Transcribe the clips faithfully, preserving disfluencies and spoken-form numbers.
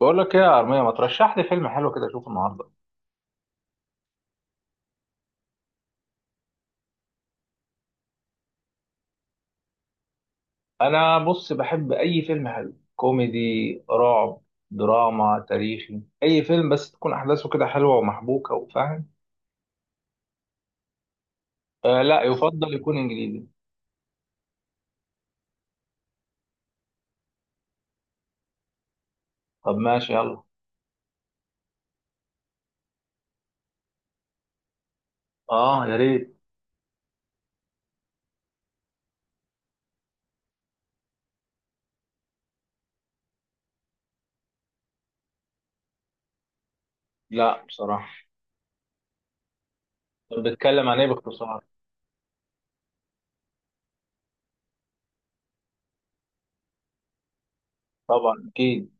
بقول لك ايه يا ارميه؟ ما ترشح لي فيلم حلو كده اشوفه النهارده. انا بص بحب اي فيلم حلو، كوميدي، رعب، دراما، تاريخي، اي فيلم بس تكون احداثه كده حلوه ومحبوكه وفاهم. آه لا، يفضل يكون انجليزي. طب ماشي يلا. اه يا ريت. لا بصراحه. طب بيتكلم عن ايه باختصار؟ طبعا اكيد.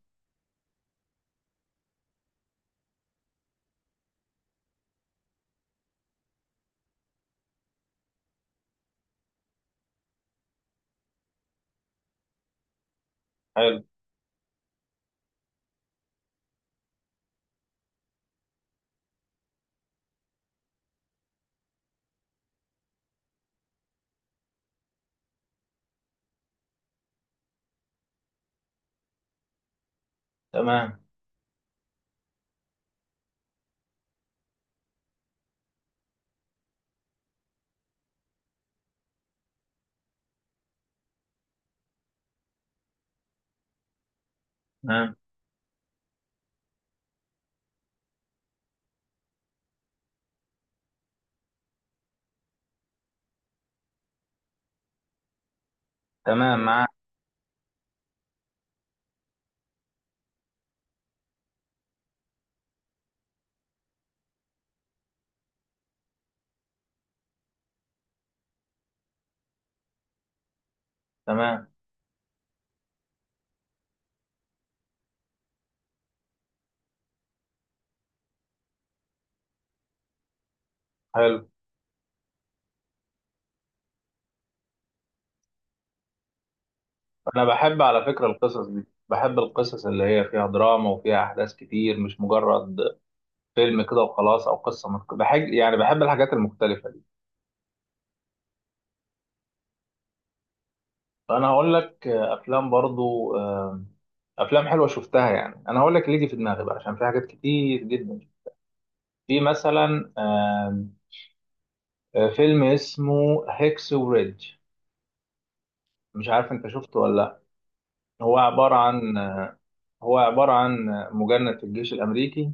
حلو. تمام. تمام. تمام معاك. تمام. حلو. انا بحب على فكره القصص دي، بحب القصص اللي هي فيها دراما وفيها احداث كتير، مش مجرد فيلم كده وخلاص او قصه مك... بحب يعني بحب الحاجات المختلفه دي. فانا هقول لك آه، افلام برضو، آه، افلام حلوه شفتها. يعني انا هقول لك اللي يجي في دماغي بقى، عشان في حاجات كتير جدا. في مثلا آه، آه، فيلم اسمه هيكس وريدج، مش عارف انت شفته ولا لا. هو عباره عن هو عباره عن مجند في الجيش الامريكي،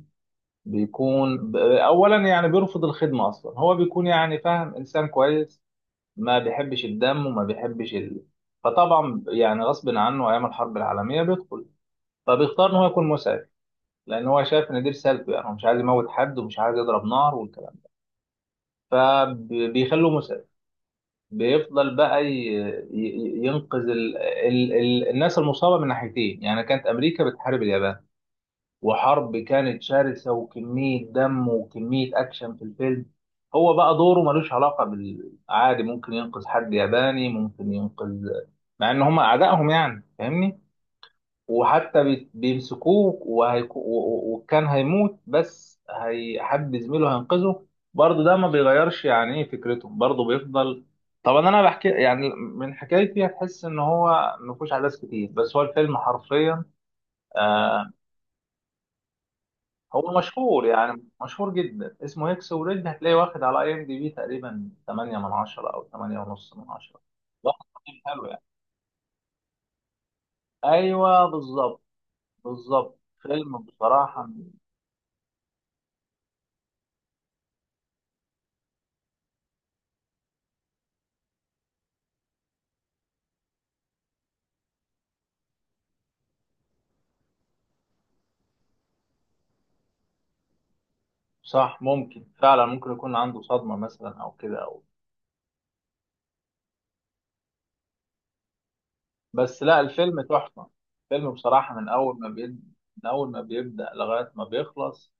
بيكون ب- اولا يعني بيرفض الخدمه اصلا. هو بيكون يعني فاهم، انسان كويس، ما بيحبش الدم وما بيحبش ال... فطبعا يعني غصب عنه ايام الحرب العالميه بيدخل. فبيختار ان هو يكون مسعف، لان هو شايف ان دي رسالته. يعني هو مش عايز يموت حد ومش عايز يضرب نار والكلام ده، فبيخلوه مسعف. بيفضل بقى ي... ي- ينقذ ال... ال... ال... الناس المصابه من ناحيتين. يعني كانت امريكا بتحارب اليابان، وحرب كانت شرسة وكمية دم وكمية أكشن في الفيلم. هو بقى دوره ملوش علاقة بالعادي، ممكن ينقذ حد ياباني، ممكن ينقذ مع إن هم أعدائهم يعني، فاهمني؟ وحتى بي- بيمسكوه وهيك... و- و- وكان هيموت، بس هي... حد زميله هينقذه. برضه ده ما بيغيرش يعني إيه فكرته، برضه بيفضل. طبعا أنا بحكي يعني من حكايتي هتحس إن هو مفيهوش أحداث كتير، بس هو الفيلم حرفيا آه، هو مشهور، يعني مشهور جدا، اسمه هيكس وريد. هتلاقيه واخد على اي ام دي بي تقريبا ثمانية من عشرة او ثمانية ونص من عشرة. واخد تقييم حلو يعني. ايوه بالظبط. بالظبط، فيلم بصراحه. صح، ممكن فعلا ممكن يكون عنده صدمه مثلا او كده او. بس لا الفيلم تحفه. الفيلم بصراحه من اول ما بيبدا، من اول ما بيبدا لغايه ما بيخلص،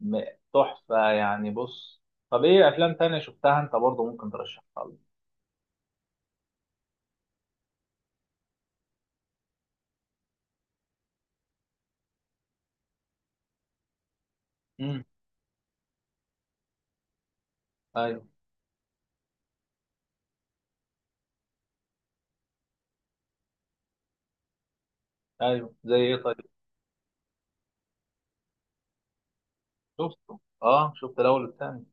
م- تحفه يعني. بص. طب ايه افلام تانية شفتها انت برضه ممكن ترشحها لي؟ امم. ايوه. ايوه زي ايه طيب؟ شفته، اه شفت الاول والتاني.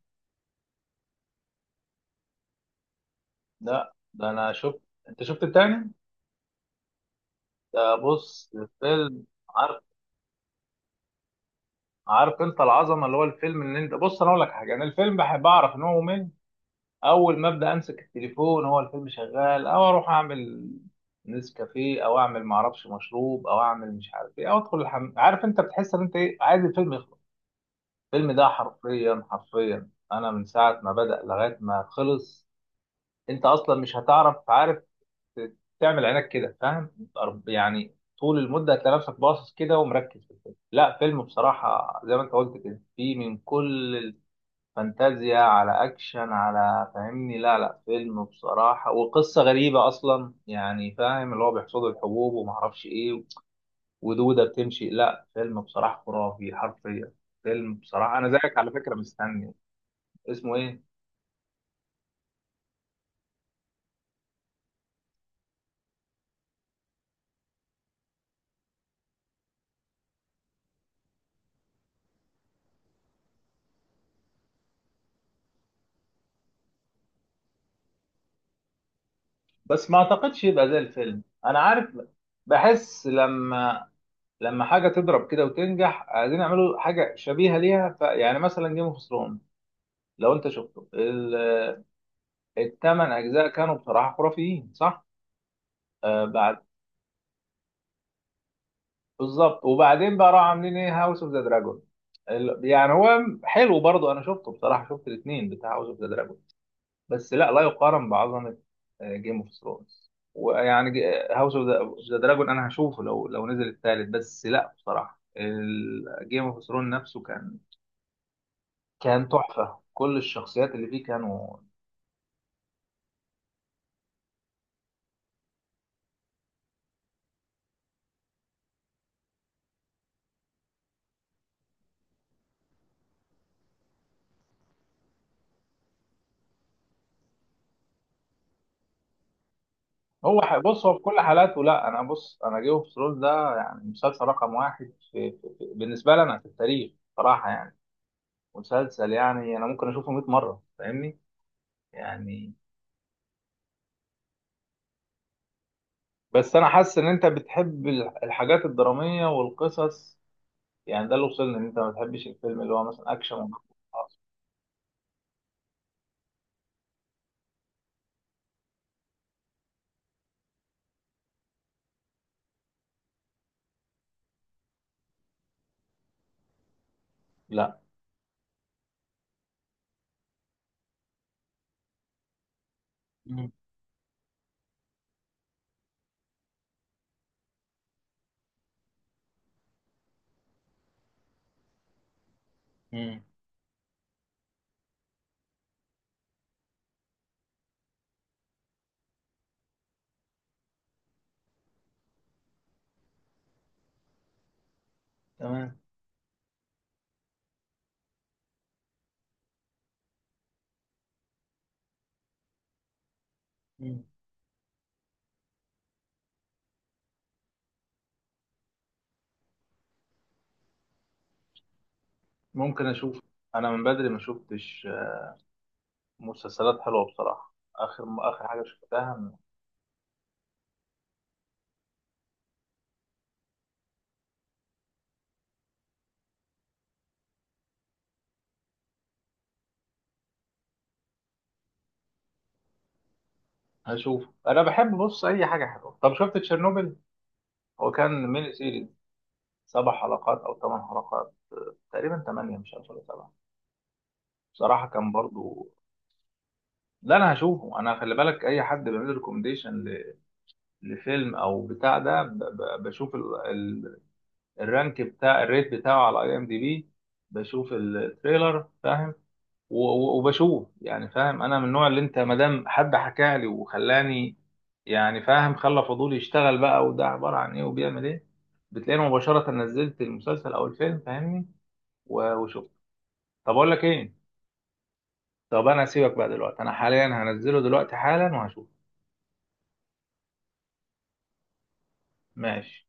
لا ده انا شفت. انت شفت التاني؟ ده بص الفيلم. عارف. عارف انت العظمه اللي هو الفيلم اللي انت... بص، انا اقول لك حاجه. انا الفيلم بحب اعرف ان هو ممل، اول ما ابدا امسك التليفون، هو الفيلم شغال او اروح اعمل نسكافيه، او اعمل معرفش مشروب، او اعمل مش عارف ايه، او ادخل الحمام. عارف انت بتحس ان انت ايه، عايز الفيلم يخلص. الفيلم ده حرفيا حرفيا انا من ساعه ما بدا لغايه ما خلص، انت اصلا مش هتعرف، عارف تعمل عينك كده، فاهم؟ أرب- يعني طول المده هتلاقي نفسك باصص كده ومركز في الفيلم. لا، فيلم بصراحه زي ما انت قلت كده، فيه من كل الفانتازيا على اكشن على، فاهمني؟ لا لا، فيلم بصراحه، وقصه غريبه اصلا، يعني فاهم، اللي هو بيحصدوا الحبوب وما اعرفش ايه ودوده بتمشي. لا، فيلم بصراحه خرافي حرفيا. فيلم بصراحه انا زيك على فكره مستني. اسمه ايه؟ بس ما اعتقدش يبقى زي الفيلم، انا عارف. بحس لما لما حاجه تضرب كده وتنجح، عايزين يعملوا حاجه شبيهه ليها. ف... يعني مثلا جيم اوف ثرونز، لو انت شفته ال- الثمان اجزاء كانوا بصراحه خرافيين، صح؟ آه بعد. بالظبط. وبعدين بقى راحوا عاملين ايه، هاوس اوف ذا دراجون. ال- يعني هو حلو برضه، انا شفته بصراحه، شفت الاثنين بتاع هاوس اوف ذا دراجون. بس لا، لا يقارن بعظمه جيم اوف ثرونز. ويعني هاوس اوف ذا دراجون انا هشوفه لو لو نزل الثالث. بس لا بصراحه، جيم اوف ثرونز نفسه كان كان تحفة، كل الشخصيات اللي فيه كانوا... هو ح- بص، هو في كل حالاته، لا انا بص، انا جيم اوف ثرونز ده يعني مسلسل رقم واحد في... في... في... بالنسبة لنا في التاريخ، صراحة يعني. مسلسل، يعني انا ممكن اشوفه مئة مرة، فاهمني يعني. بس انا حاسس ان انت بتحب ال- الحاجات الدرامية والقصص، يعني ده اللي وصلني ان انت ما بتحبش الفيلم اللي هو مثلا اكشن وخلاص. لا. مم. مم. تمام. مم. ممكن اشوف. انا من بدري ما شفتش مسلسلات حلوة بصراحة. آخر... آخر حاجة شفتها... هشوف. أنا بحب بص أي حاجة حلوة. طب شفت تشيرنوبل؟ هو كان ميني سيريز، سبع حلقات أو ثمان حلقات، آه، تقريبا ثمانية، مش عارف ولا سبعة. بصراحة كان برضو... لا أنا هشوفه. أنا خلي بالك، أي حد بيعمل ريكومديشن لفيلم أو بتاع ده، ب- ب- بشوف ال... ال... الرانك بتاع الريت بتاعه على أي إم دي بي، بشوف التريلر فاهم، و- و- وبشوف يعني فاهم. انا من النوع اللي انت، ما دام حد حكى لي وخلاني يعني فاهم، خلى فضولي يشتغل بقى، وده عباره عن ايه وبيعمل ايه، بتلاقيني مباشره نزلت المسلسل او الفيلم، فاهمني؟ و- وشفت. طب اقول لك ايه. طب انا هسيبك بقى دلوقتي، انا حاليا هنزله دلوقتي حالا وهشوف. ماشي.